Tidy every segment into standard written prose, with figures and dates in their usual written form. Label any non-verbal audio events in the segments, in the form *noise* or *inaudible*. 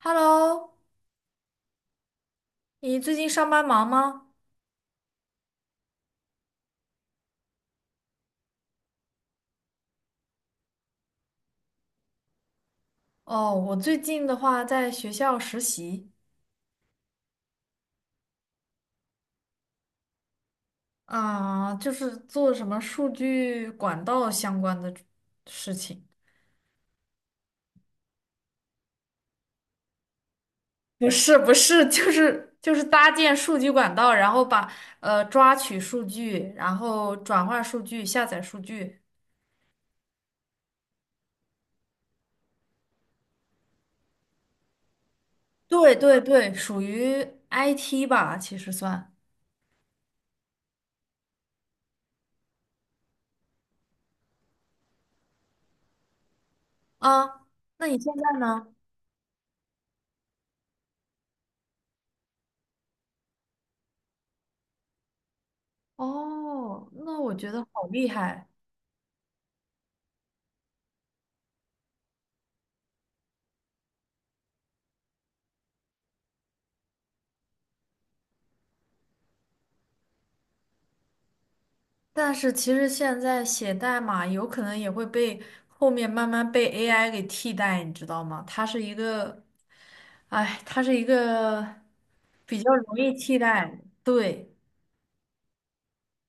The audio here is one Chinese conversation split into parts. Hello，你最近上班忙吗？哦，我最近的话在学校实习啊，就是做什么数据管道相关的事情。不是不是，就是搭建数据管道，然后把抓取数据，然后转化数据、下载数据。对对对，属于 IT 吧，其实算啊。那你现在呢？哦，那我觉得好厉害。但是其实现在写代码有可能也会被后面慢慢被 AI 给替代，你知道吗？它是一个，哎，它是一个比较容易替代，对。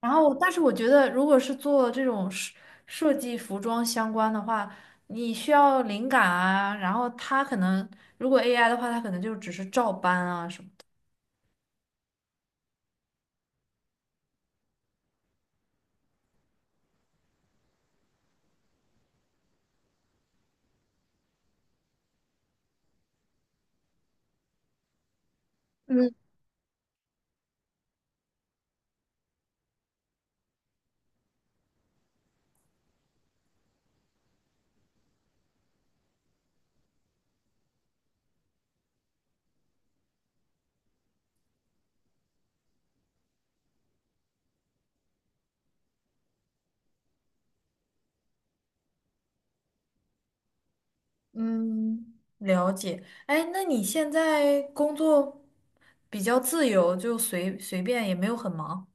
然后，但是我觉得，如果是做这种设计服装相关的话，你需要灵感啊，然后它可能如果 AI 的话，它可能就只是照搬啊什么的。嗯。嗯，了解。哎，那你现在工作比较自由，就随随便，也没有很忙。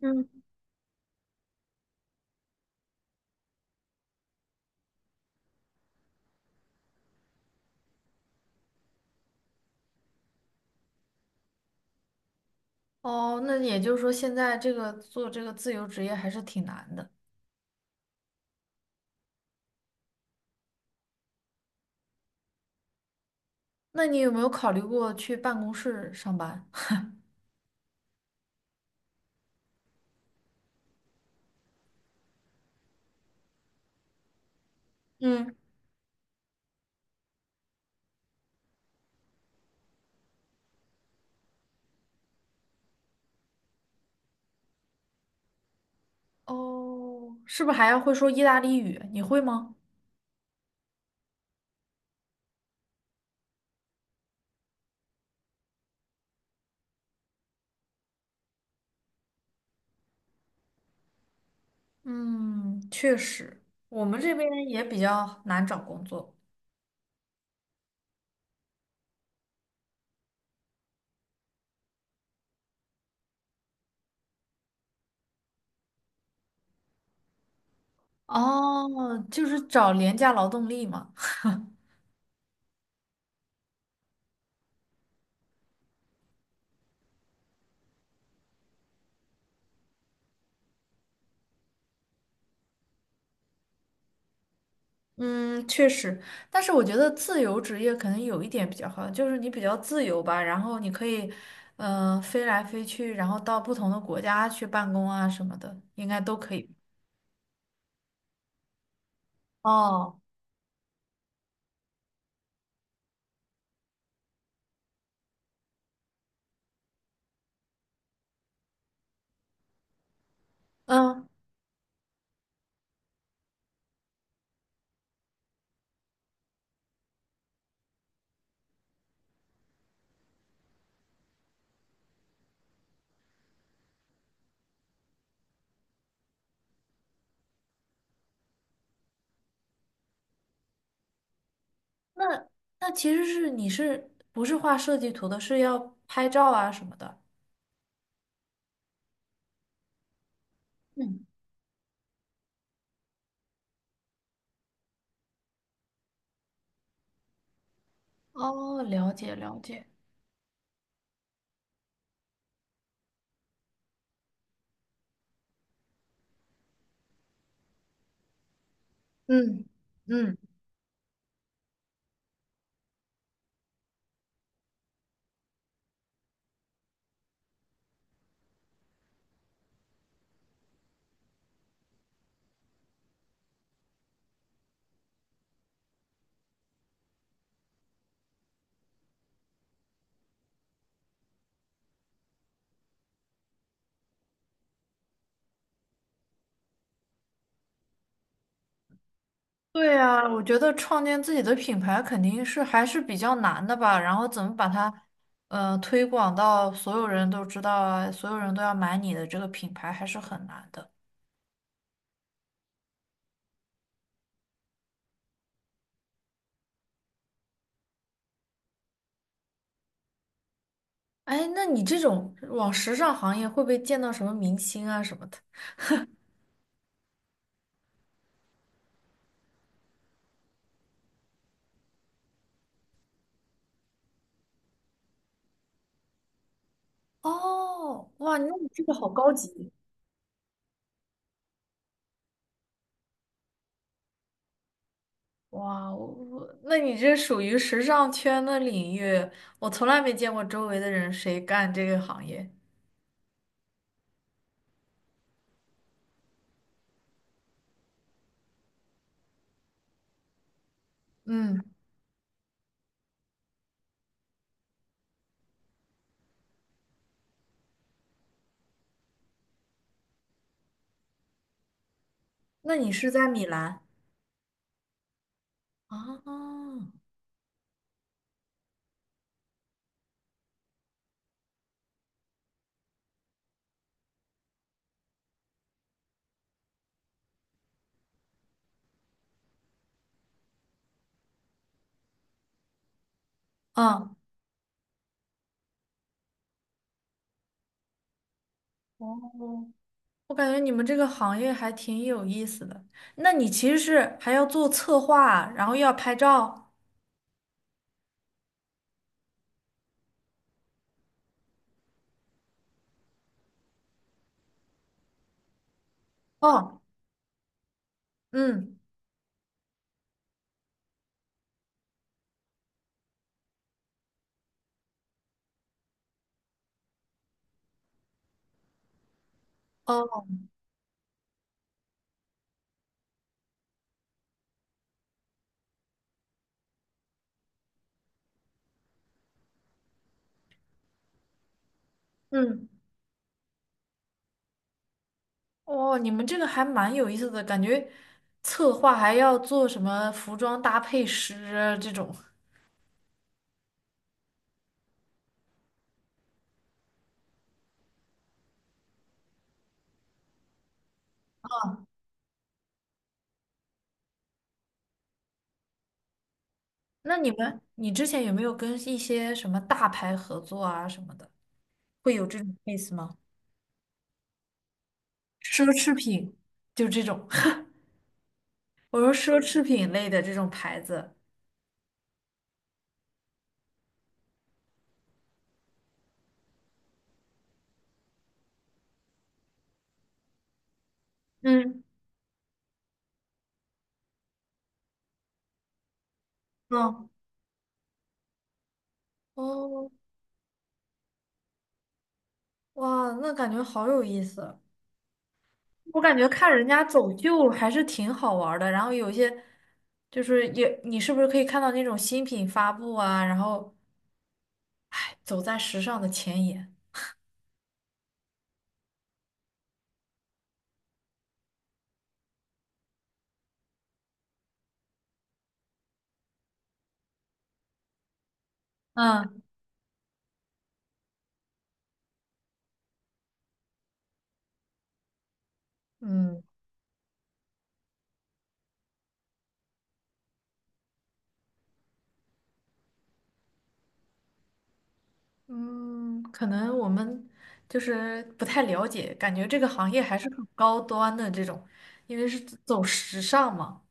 嗯。哦，那也就是说，现在这个做这个自由职业还是挺难的。那你有没有考虑过去办公室上班？嗯，哦，是不是还要会说意大利语？你会吗？嗯，确实，我们这边也比较难找工作。哦，就是找廉价劳动力嘛。嗯，确实，但是我觉得自由职业可能有一点比较好，就是你比较自由吧，然后你可以，嗯、飞来飞去，然后到不同的国家去办公啊什么的，应该都可以。哦，嗯，那其实是你是不是画设计图的，是要拍照啊什么的？嗯，哦，了解了解，嗯。嗯。对呀，我觉得创建自己的品牌肯定是还是比较难的吧，然后怎么把它，推广到所有人都知道啊，所有人都要买你的这个品牌还是很难的。哎，那你这种往时尚行业会不会见到什么明星啊什么的？哦，哇，那你这个好高级。哇，我那你这属于时尚圈的领域，我从来没见过周围的人谁干这个行业。嗯，那你是在米兰啊？嗯。哦，我感觉你们这个行业还挺有意思的。那你其实是还要做策划，然后又要拍照。哦，嗯，哦，嗯，哦，你们这个还蛮有意思的，感觉策划还要做什么服装搭配师啊这种。那你们，你之前有没有跟一些什么大牌合作啊什么的，会有这种 case 吗？奢侈品，就这种，*laughs* 我说奢侈品类的这种牌子。嗯，哦，哦，哇，那感觉好有意思！我感觉看人家走秀还是挺好玩儿的，然后有些就是也，你是不是可以看到那种新品发布啊，然后 *smacks lips* 哎走在时尚的前沿？嗯，嗯嗯，可能我们就是不太了解，感觉这个行业还是很高端的这种，因为是走时尚嘛。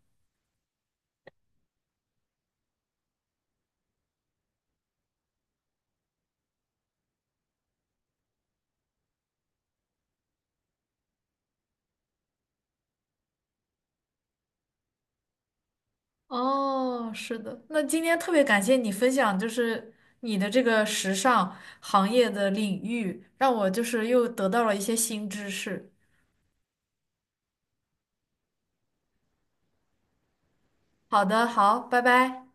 哦，是的，那今天特别感谢你分享，就是你的这个时尚行业的领域，让我就是又得到了一些新知识。好的，好，拜拜。